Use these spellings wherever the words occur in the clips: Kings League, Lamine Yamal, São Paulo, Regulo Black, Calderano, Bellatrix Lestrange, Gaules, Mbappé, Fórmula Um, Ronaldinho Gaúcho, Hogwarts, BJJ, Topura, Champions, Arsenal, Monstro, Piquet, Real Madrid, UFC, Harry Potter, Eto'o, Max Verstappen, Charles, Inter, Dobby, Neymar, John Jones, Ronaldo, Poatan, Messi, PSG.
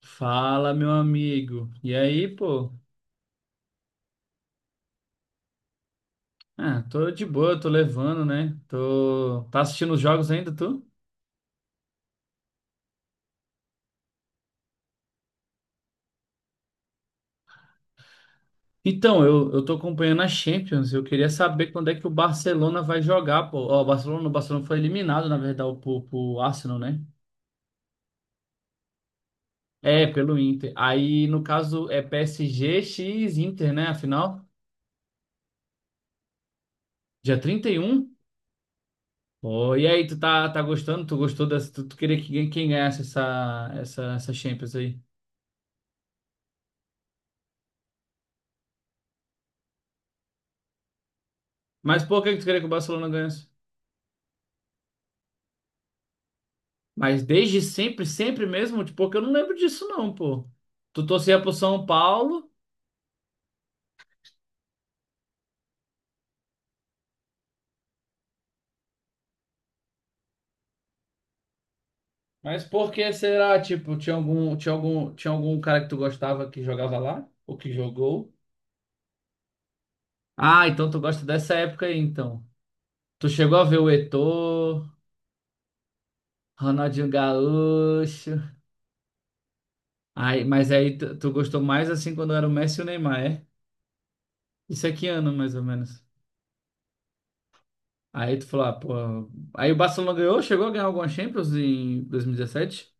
Fala, meu amigo. E aí, pô? Ah, tô de boa, tô levando, né? Tô... Tá assistindo os jogos ainda, tu? Então, eu tô acompanhando a Champions. Eu queria saber quando é que o Barcelona vai jogar, pô. Ó, o Barcelona foi eliminado, na verdade, pro Arsenal, né? É, pelo Inter. Aí, no caso, é PSG x Inter, né? Afinal, dia trinta e um. Pô, e aí, tá gostando? Tu gostou dessa? Tu queria que quem ganhasse essa Champions aí? Mas por que que tu queria que o Barcelona ganhasse? Mas desde sempre, sempre mesmo, tipo, porque eu não lembro disso não, pô. Tu torcia pro São Paulo, mas por que será? Tipo, tinha algum cara que tu gostava que jogava lá? Ou que jogou? Ah, então tu gosta dessa época aí, então. Tu chegou a ver o Eto'o, Ronaldinho Gaúcho. Aí, mas aí tu gostou mais assim quando era o Messi e o Neymar, é? Isso é que ano, mais ou menos. Aí tu falou, ah, pô. Aí o Barcelona ganhou, chegou a ganhar alguma Champions em 2017?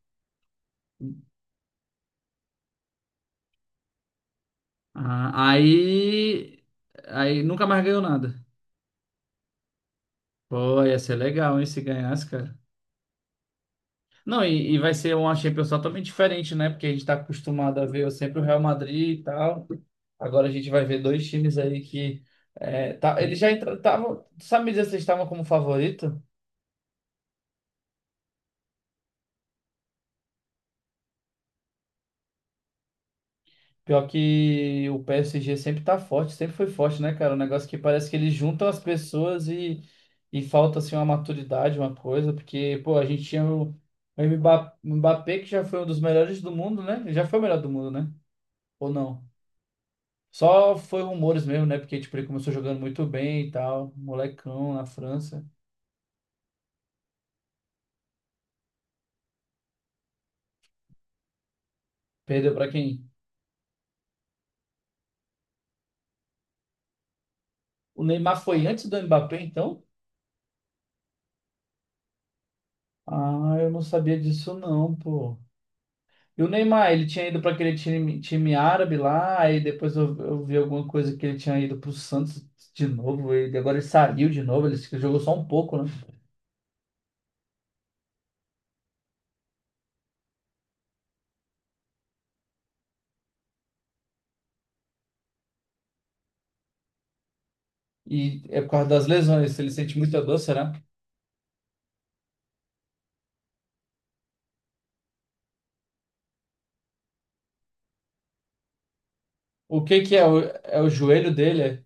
Ah, aí, aí nunca mais ganhou nada. Pô, ia ser legal, hein, se ganhasse, cara. Não, e vai ser uma Champions totalmente diferente, né? Porque a gente tá acostumado a ver sempre o Real Madrid e tal. Agora a gente vai ver dois times aí que. É, tá, eles já entraram. Sabe me dizer se eles estavam como favorito? Pior que o PSG sempre tá forte, sempre foi forte, né, cara? Um negócio que parece que eles juntam as pessoas e falta, assim, uma maturidade, uma coisa, porque, pô, a gente tinha o Mbappé, que já foi um dos melhores do mundo, né? Ele já foi o melhor do mundo, né? Ou não? Só foi rumores mesmo, né? Porque, tipo, ele começou jogando muito bem e tal, molecão na França. Perdeu pra quem? O Neymar foi antes do Mbappé, então? Ah, eu não sabia disso não, pô. E o Neymar, ele tinha ido para aquele time árabe lá, aí depois eu vi alguma coisa que ele tinha ido para o Santos de novo, e agora ele saiu de novo, ele se- jogou só um pouco, né? E é por causa das lesões, ele sente muita dor, será? O que que é o joelho dele? É?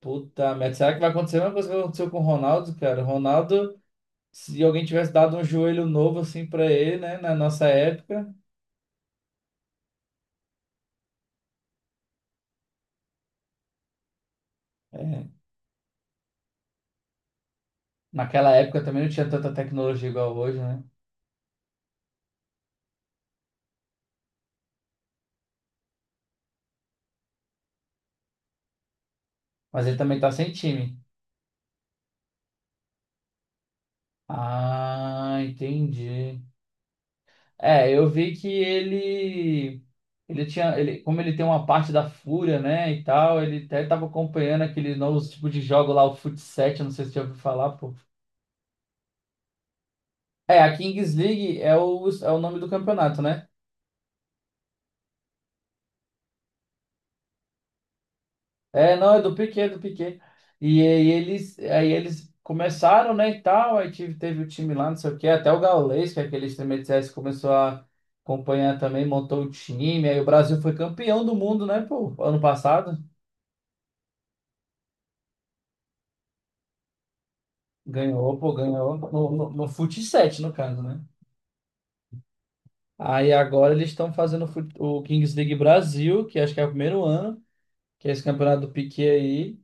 Puta merda, será que vai acontecer a mesma coisa que aconteceu com o Ronaldo, cara? O Ronaldo, se alguém tivesse dado um joelho novo assim para ele, né, na nossa época, é, naquela época também não tinha tanta tecnologia igual hoje, né? Mas ele também tá sem time. Ah, entendi. É, eu vi que ele tinha, ele, como ele tem uma parte da fúria, né, e tal, ele até tava acompanhando aquele novo tipo de jogo lá, o fut 7, não sei se você já ouviu falar, pô. É, a Kings League é é o nome do campeonato, né? É, não, é do Piquet, do Piquet. E aí eles começaram, né, e tal, teve o time lá, não sei o quê, até o Gaules, que é aquele streamer de CS, começou a acompanhar também, montou o time, aí o Brasil foi campeão do mundo, né, pô, ano passado. Ganhou, pô, ganhou no Fut 7, no caso, né? Aí agora eles estão fazendo o Kings League Brasil, que acho que é o primeiro ano, que é esse campeonato do Piquet aí.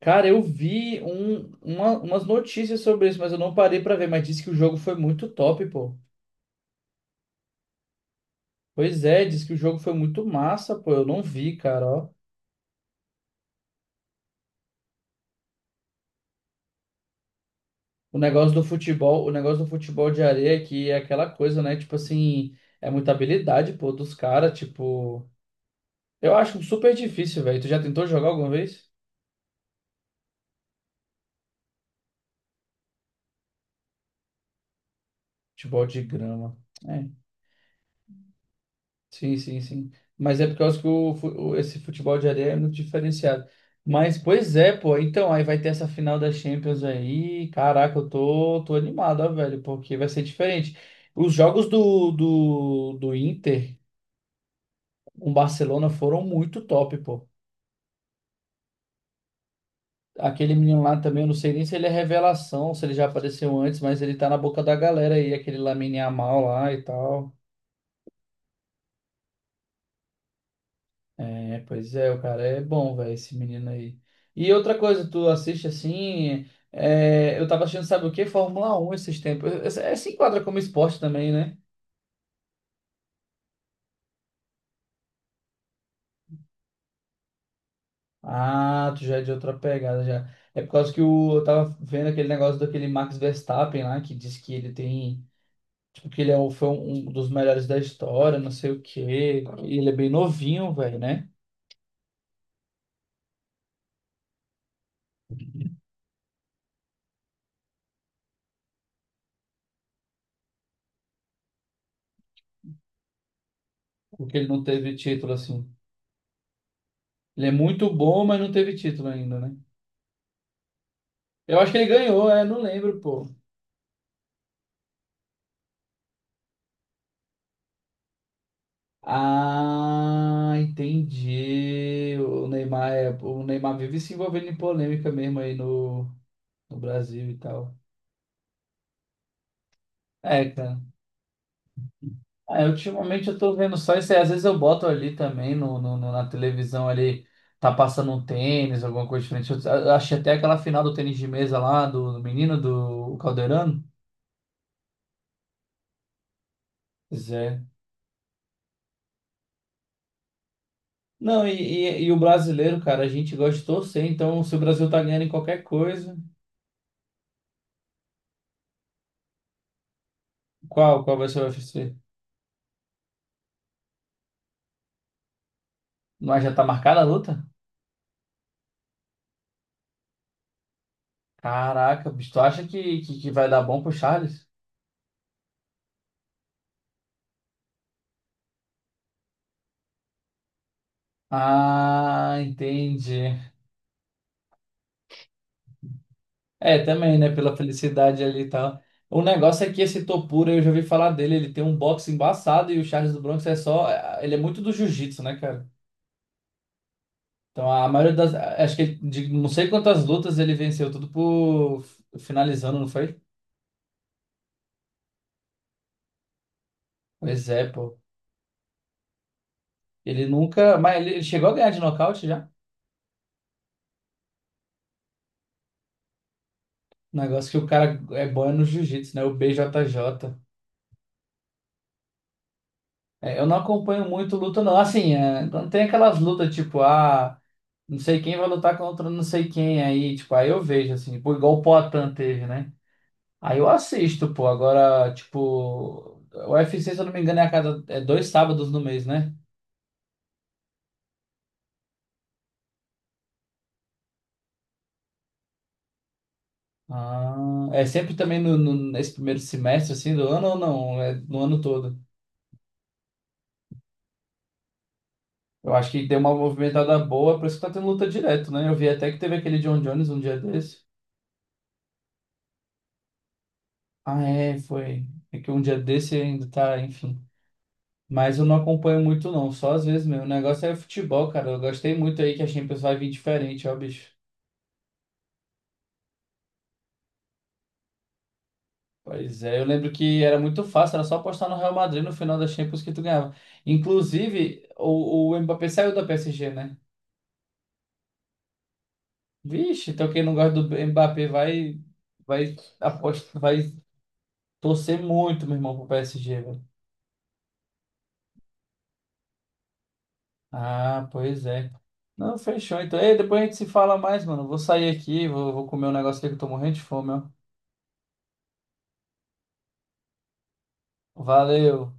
Cara, eu vi umas notícias sobre isso, mas eu não parei pra ver. Mas disse que o jogo foi muito top, pô. Pois é, disse que o jogo foi muito massa, pô. Eu não vi, cara, ó. O negócio do futebol, o negócio do futebol de areia que é aquela coisa, né? Tipo assim, é muita habilidade, pô, dos caras, tipo. Eu acho super difícil, velho. Tu já tentou jogar alguma vez? Futebol de grama. É. Sim, sim, sim. Mas é por causa que esse futebol de areia é muito diferenciado. Mas, pois é, pô. Então, aí vai ter essa final da Champions aí. Caraca, tô animado, ó, velho, porque vai ser diferente. Os jogos do Inter com o Barcelona foram muito top, pô. Aquele menino lá também, eu não sei nem se ele é revelação, se ele já apareceu antes, mas ele tá na boca da galera aí, aquele Lamine Yamal lá e tal. É, pois é, o cara é bom, velho, esse menino aí. E outra coisa, tu assiste assim. É, eu tava assistindo, sabe o quê? Fórmula Um, esses tempos. É, se enquadra como esporte também, né? Ah, tu já é de outra pegada já. É por causa que eu tava vendo aquele negócio daquele Max Verstappen lá, que diz que ele tem. Tipo, que foi um dos melhores da história, não sei o quê. E ele é bem novinho, velho, né? Porque ele não teve título assim. Ele é muito bom, mas não teve título ainda, né? Eu acho que ele ganhou, é, não lembro, pô. Ah, entendi. O Neymar, o Neymar vive se envolvendo em polêmica mesmo aí no Brasil e tal. É, cara. É, ultimamente eu tô vendo só isso aí. Às vezes eu boto ali também na televisão ali, tá passando um tênis, alguma coisa diferente. Eu achei até aquela final do tênis de mesa lá, do menino, do Calderano. Pois é. Não, e o brasileiro, cara, a gente gosta de torcer, então se o Brasil tá ganhando em qualquer coisa, qual vai ser o UFC? Mas já tá marcada a luta? Caraca, bicho, tu acha que vai dar bom pro Charles? Ah, entendi. É, também, né? Pela felicidade ali e tal. O negócio é que esse Topura, eu já ouvi falar dele, ele tem um boxe embaçado e o Charles do Bronx é só. É, ele é muito do jiu-jitsu, né, cara? Então a maioria das. Acho que ele, de não sei quantas lutas ele venceu, tudo por finalizando, não foi? Pois é, pô. Ele nunca. Mas ele chegou a ganhar de nocaute já? O negócio que o cara é bom é no jiu-jitsu, né? O BJJ. É, eu não acompanho muito luta, não. Assim, é, quando tem aquelas lutas, tipo, ah, não sei quem vai lutar contra não sei quem aí, tipo, aí eu vejo, assim, pô, igual o Poatan teve, né? Aí eu assisto, pô. Agora, tipo, o UFC, se eu não me engano, é a cada, é dois sábados no mês, né? Ah, é sempre também nesse primeiro semestre, assim, do ano ou não? É no ano todo. Eu acho que deu uma movimentada boa, por isso que tá tendo luta direto, né? Eu vi até que teve aquele John Jones um dia desse. Ah, é, foi. É que um dia desse ainda tá, enfim. Mas eu não acompanho muito, não. Só às vezes mesmo. O negócio é futebol, cara. Eu gostei muito aí que a Champions vai vir diferente, ó, bicho. Pois é, eu lembro que era muito fácil, era só apostar no Real Madrid no final da Champions que tu ganhava. Inclusive, o Mbappé saiu da PSG, né? Vixe, então quem não gosta do Mbappé vai, vai, aposta, vai torcer muito, meu irmão, pro PSG, velho. Ah, pois é. Não, fechou. Então, ei, depois a gente se fala mais, mano. Vou sair aqui, vou comer um negócio aqui que eu tô morrendo de fome, ó. Valeu.